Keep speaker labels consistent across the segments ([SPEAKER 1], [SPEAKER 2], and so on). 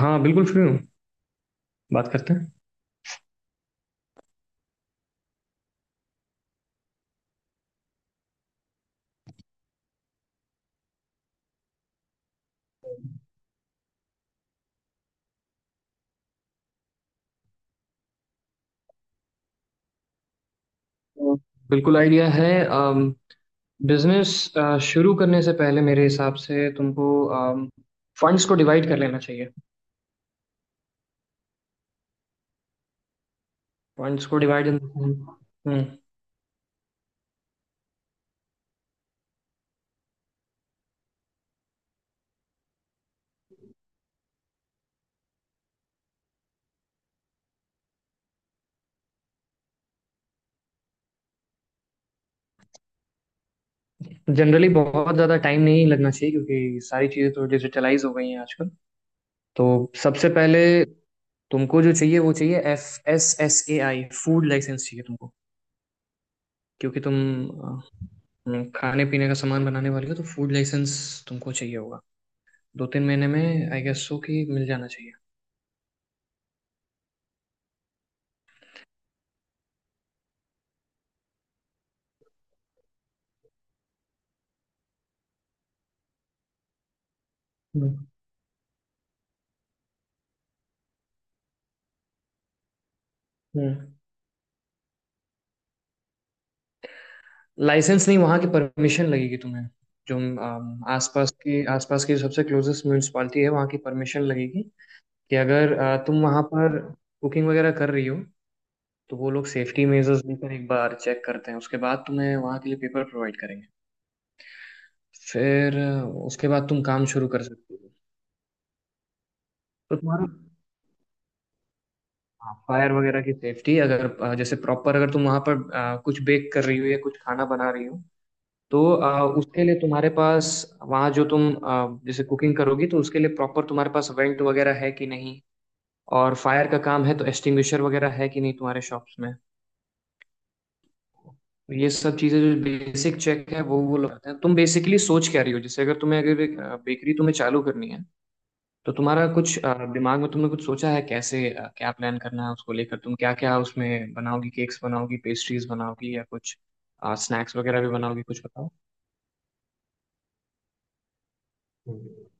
[SPEAKER 1] हाँ बिल्कुल फ्री हूँ। बात करते हैं। तो बिल्कुल आइडिया है। बिजनेस शुरू करने से पहले मेरे हिसाब से तुमको फंड्स को डिवाइड कर लेना चाहिए। फंड्स को डिवाइड। जनरली बहुत ज़्यादा टाइम नहीं लगना चाहिए, क्योंकि सारी चीज़ें तो डिजिटलाइज हो गई हैं आजकल। तो सबसे पहले तुमको जो चाहिए वो चाहिए, F S S A I food licence चाहिए तुमको, क्योंकि तुम अ, खाने पीने का सामान बनाने वाले हो, तो फूड लाइसेंस तुमको चाहिए होगा। 2 3 महीने में आई गेस सो कि मिल जाना चाहिए। हम्म लाइसेंस नहीं, वहाँ की परमिशन लगेगी तुम्हें। जो आसपास की जो सबसे क्लोजेस्ट म्यूनिसपालिटी है, वहाँ की परमिशन लगेगी, कि अगर तुम वहाँ पर कुकिंग वगैरह कर रही हो, तो वो लोग सेफ्टी मेजर्स लेकर एक बार चेक करते हैं, उसके बाद तुम्हें वहाँ के लिए पेपर प्रोवाइड करेंगे। फिर उसके बाद तुम काम शुरू कर सकते हो। तो तुम्हारा फायर वगैरह की सेफ्टी, अगर जैसे प्रॉपर अगर तुम वहाँ पर कुछ बेक कर रही हो या कुछ खाना बना रही हो, तो उसके लिए तुम्हारे पास, वहाँ जो तुम जैसे कुकिंग करोगी तो उसके लिए प्रॉपर तुम्हारे पास वेंट वगैरह है कि नहीं, और फायर का काम है तो एक्सटिंग्विशर वगैरह है कि नहीं तुम्हारे शॉप्स में। तो ये सब चीजें, जो बेसिक चेक है वो लगता है। तुम बेसिकली सोच क्या रही हो, जैसे अगर तुम्हें, अगर एक बेकरी तुम्हें चालू करनी है, तो तुम्हारा कुछ दिमाग में तुमने कुछ सोचा है, कैसे क्या प्लान करना है उसको लेकर, तुम क्या क्या उसमें बनाओगी? केक्स बनाओगी, पेस्ट्रीज बनाओगी, या कुछ स्नैक्स वगैरह भी बनाओगी? कुछ बताओ। हम्म।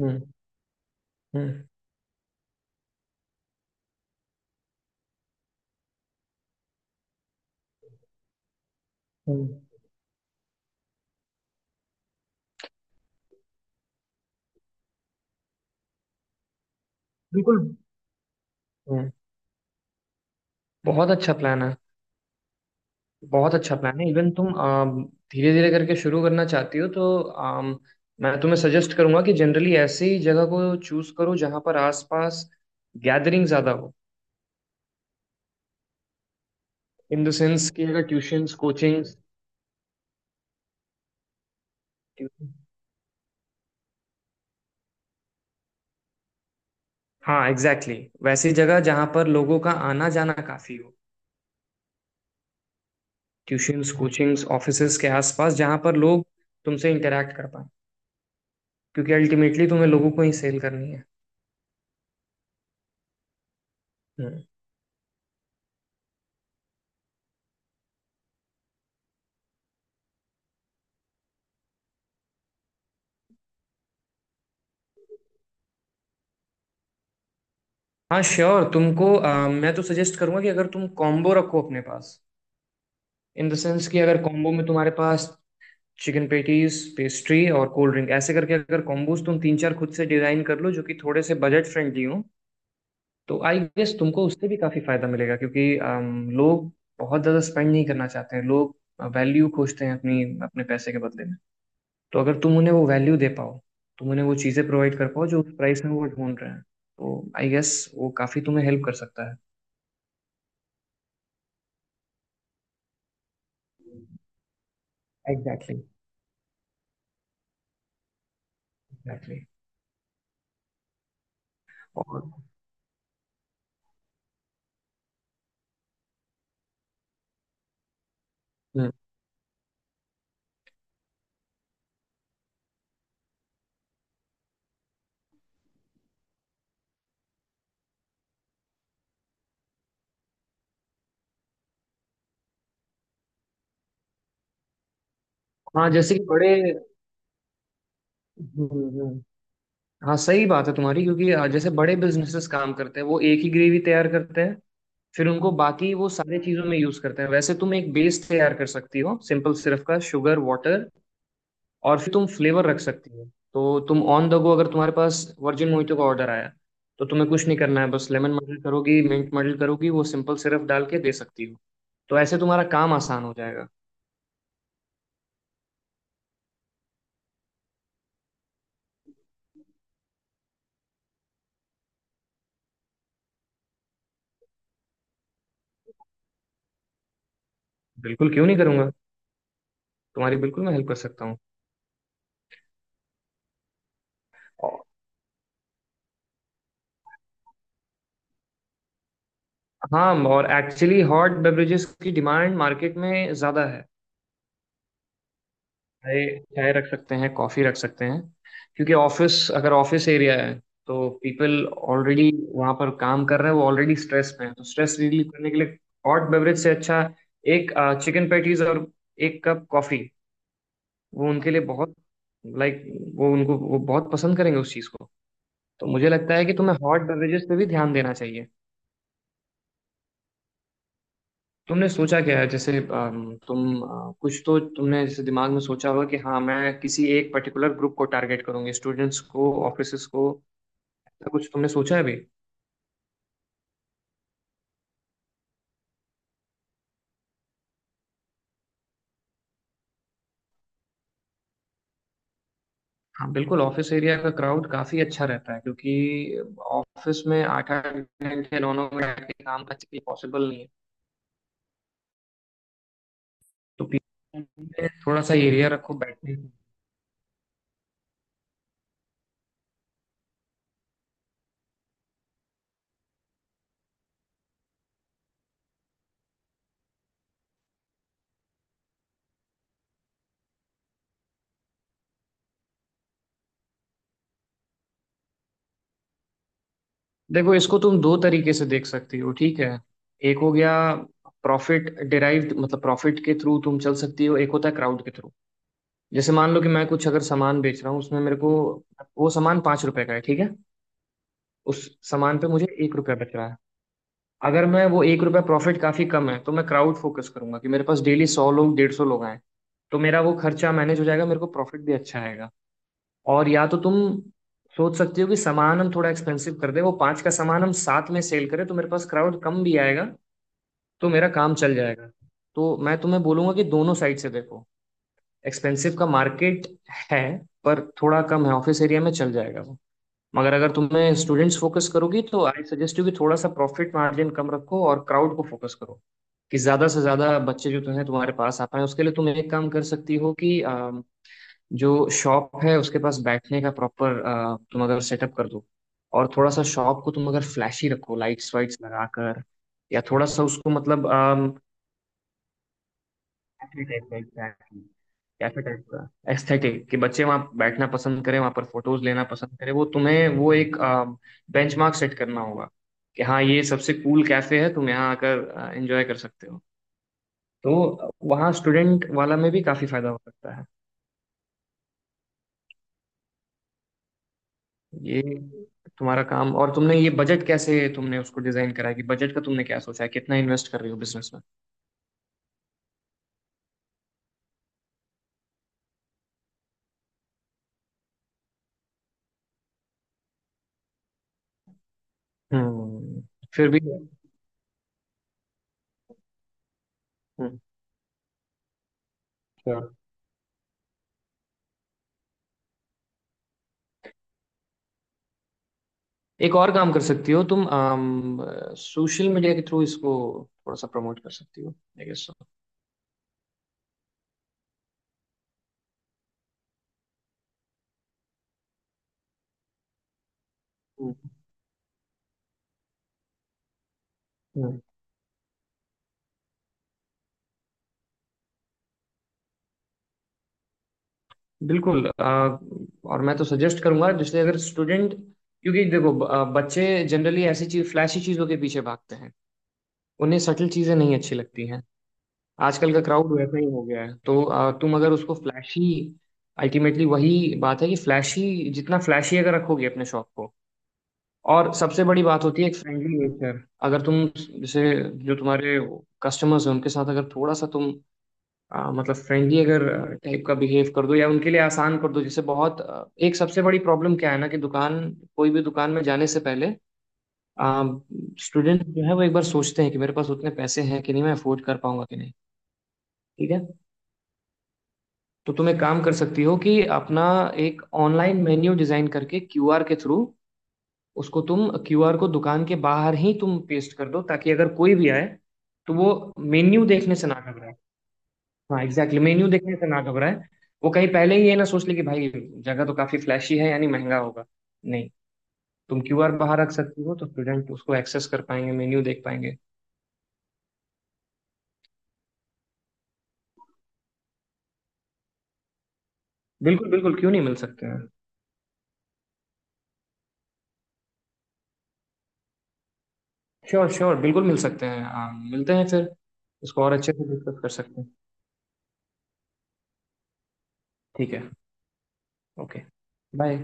[SPEAKER 1] हम्म। हम्म। हम्म। बिल्कुल। हम्म, बहुत अच्छा प्लान है। बहुत अच्छा प्लान है। इवन तुम धीरे धीरे करके शुरू करना चाहती हो, तो मैं तुम्हें सजेस्ट करूंगा कि जनरली ऐसी जगह को चूज करो जहां पर आसपास गैदरिंग ज्यादा हो। इन द सेंस कि अगर ट्यूशंस कोचिंग। हाँ एग्जैक्टली, exactly, वैसी जगह जहां पर लोगों का आना जाना काफी हो, ट्यूशंस कोचिंग्स ऑफिसेज के आसपास जहां पर लोग तुमसे इंटरेक्ट कर पाए, क्योंकि अल्टीमेटली तुम्हें लोगों को ही सेल करनी है। हम्म। हाँ श्योर, तुमको मैं तो सजेस्ट करूंगा कि अगर तुम कॉम्बो रखो अपने पास। इन द सेंस, कि अगर कॉम्बो में तुम्हारे पास चिकन पेटीज, पेस्ट्री और कोल्ड ड्रिंक ऐसे करके अगर कॉम्बोज तुम तीन चार खुद से डिजाइन कर लो जो कि थोड़े से बजट फ्रेंडली हो, तो आई गेस तुमको उससे भी काफी फायदा मिलेगा, क्योंकि लोग बहुत ज्यादा स्पेंड नहीं करना चाहते हैं। लोग वैल्यू खोजते हैं अपनी, अपने पैसे के बदले में। तो अगर तुम उन्हें वो वैल्यू दे पाओ, तुम उन्हें वो चीजें प्रोवाइड कर पाओ जो उस प्राइस में वो ढूंढ रहे हैं, तो आई गेस वो काफी तुम्हें हेल्प कर सकता है। एग्जैक्टली। एग्जैक्टली। और हम्म, हाँ जैसे कि बड़े, हम्म, हम्म, हाँ सही बात है तुम्हारी, क्योंकि जैसे बड़े बिजनेसेस काम करते हैं, वो एक ही ग्रेवी तैयार करते हैं, फिर उनको बाकी वो सारी चीजों में यूज करते हैं। वैसे तुम एक बेस तैयार कर सकती हो, सिंपल सिरफ का शुगर वाटर, और फिर तुम फ्लेवर रख सकती हो। तो तुम ऑन द गो, अगर तुम्हारे पास वर्जिन मोहितो का ऑर्डर आया, तो तुम्हें कुछ नहीं करना है, बस लेमन मर्डल करोगी, मिंट मर्डल करोगी, वो सिंपल सिरफ डाल के दे सकती हो। तो ऐसे तुम्हारा काम आसान हो जाएगा। बिल्कुल, क्यों नहीं करूंगा। तुम्हारी बिल्कुल मैं हेल्प कर सकता हूँ। और- हाँ, और एक्चुअली हॉट बेवरेजेस की डिमांड मार्केट में ज़्यादा है। चाय, चाय रख सकते हैं, कॉफ़ी रख सकते हैं। क्योंकि ऑफिस, अगर ऑफिस एरिया है, तो पीपल ऑलरेडी वहाँ पर काम कर रहे हैं, वो ऑलरेडी स्ट्रेस में है, तो स्ट्रेस रिलीव करने के लिए हॉट बेवरेज से अच्छा एक चिकन पैटीज और एक कप कॉफ़ी, वो उनके लिए बहुत, लाइक, वो उनको वो बहुत पसंद करेंगे उस चीज़ को। तो मुझे लगता है कि तुम्हें हॉट बेवरेजेस पे भी ध्यान देना चाहिए। तुमने सोचा क्या है, जैसे तुम कुछ तो तुमने जैसे दिमाग में सोचा होगा कि हाँ मैं किसी एक पर्टिकुलर ग्रुप को टारगेट करूंगी, स्टूडेंट्स को, ऑफिसेस को, ऐसा कुछ तुमने सोचा है भी? हाँ बिल्कुल, ऑफिस एरिया का क्राउड काफी अच्छा रहता है, क्योंकि ऑफिस में 8 8 घंटे, 9 9 घंटे काम करना पॉसिबल नहीं है। तो पीछे में थोड़ा सा एरिया रखो बैठने का। देखो, इसको तुम दो तरीके से देख सकती हो, ठीक है? एक हो गया प्रॉफिट डिराइव्ड, मतलब प्रॉफिट के थ्रू तुम चल सकती हो, एक होता है क्राउड के थ्रू। जैसे मान लो कि मैं कुछ अगर सामान बेच रहा हूँ, उसमें मेरे को वो सामान 5 रुपए का है, ठीक है। उस सामान पे मुझे 1 रुपया बच रहा है। अगर मैं वो 1 रुपया प्रॉफिट काफी कम है, तो मैं क्राउड फोकस करूंगा कि मेरे पास डेली 100 लोग, 150 लोग आए, तो मेरा वो खर्चा मैनेज हो जाएगा, मेरे को प्रॉफिट भी अच्छा आएगा। और या तो तुम सोच सकते हो कि सामान हम थोड़ा एक्सपेंसिव कर दें, वो पाँच का सामान हम सात में सेल करें, तो मेरे पास क्राउड कम भी आएगा, तो मेरा काम चल जाएगा। तो मैं तुम्हें बोलूंगा कि दोनों साइड से देखो। एक्सपेंसिव का मार्केट है पर थोड़ा कम है, ऑफिस एरिया में चल जाएगा वो, मगर अगर तुम्हें स्टूडेंट्स फोकस करोगी, तो आई सजेस्ट यू कि थोड़ा सा प्रॉफिट मार्जिन कम रखो और क्राउड को फोकस करो, कि ज्यादा से ज्यादा बच्चे जो तुम्हें, तुम्हारे पास आ पाए। उसके लिए तुम एक काम कर सकती हो कि जो शॉप है उसके पास बैठने का प्रॉपर तुम अगर सेटअप कर दो, और थोड़ा सा शॉप को तुम अगर फ्लैशी रखो, लाइट्स वाइट्स लगाकर, या थोड़ा सा उसको, मतलब कैफे टाइप का, एग्जैक्टली, कैफे टाइप का एस्थेटिक, कि बच्चे वहां बैठना पसंद करें, वहां पर फोटोज लेना पसंद करें। वो तुम्हें वो एक बेंचमार्क सेट करना होगा, कि हाँ ये सबसे कूल कैफे है, तुम यहाँ आकर एंजॉय कर सकते हो। तो वहाँ स्टूडेंट वाला में भी काफी फायदा हो सकता है। ये तुम्हारा काम, और तुमने ये बजट कैसे तुमने उसको डिजाइन करा है, कि बजट का तुमने क्या सोचा है? कितना इन्वेस्ट कर रही हो बिजनेस में? हम्म। फिर भी। हम्म, एक और काम कर सकती हो तुम, सोशल मीडिया के थ्रू इसको थोड़ा सा प्रमोट कर सकती हो I guess so. Hmm. Hmm. बिल्कुल, और मैं तो सजेस्ट करूंगा, जैसे अगर स्टूडेंट, क्योंकि देखो बच्चे जनरली ऐसी चीज, फ्लैशी चीजों के पीछे भागते हैं, उन्हें सटल चीजें नहीं अच्छी लगती हैं। आजकल का क्राउड वैसा ही हो गया है, तो तुम अगर उसको फ्लैशी, अल्टीमेटली वही बात है, कि फ्लैशी, जितना फ्लैशी अगर रखोगे अपने शॉप को, और सबसे बड़ी बात होती है एक फ्रेंडली नेचर। अगर तुम, जैसे, जो तुम्हारे कस्टमर्स हैं उनके साथ अगर थोड़ा सा तुम मतलब फ्रेंडली, अगर टाइप का बिहेव कर दो या उनके लिए आसान कर दो, जैसे बहुत एक सबसे बड़ी प्रॉब्लम क्या है ना, कि दुकान, कोई भी दुकान में जाने से पहले स्टूडेंट जो है वो एक बार सोचते हैं कि मेरे पास उतने पैसे हैं कि नहीं, मैं अफोर्ड कर पाऊंगा कि नहीं। ठीक है। तो तुम एक काम कर सकती हो कि अपना एक ऑनलाइन मेन्यू डिजाइन करके क्यूआर के थ्रू, उसको तुम क्यूआर को दुकान के बाहर ही तुम पेस्ट कर दो, ताकि अगर कोई भी आए तो वो मेन्यू देखने से ना घबराए। हाँ एग्जैक्टली, मेन्यू देखने से ना घबराए, वो कहीं पहले ही ये ना सोच ले कि भाई जगह तो काफी फ्लैशी है, यानी महंगा होगा। नहीं, तुम क्यूआर बाहर रख सकती हो, तो स्टूडेंट उसको एक्सेस कर पाएंगे, मेन्यू देख पाएंगे। बिल्कुल बिल्कुल, क्यों नहीं, मिल सकते हैं। श्योर श्योर, बिल्कुल मिल सकते हैं, हाँ मिलते हैं फिर, इसको और अच्छे से डिस्कस कर सकते हैं। ठीक है। ओके। बाय।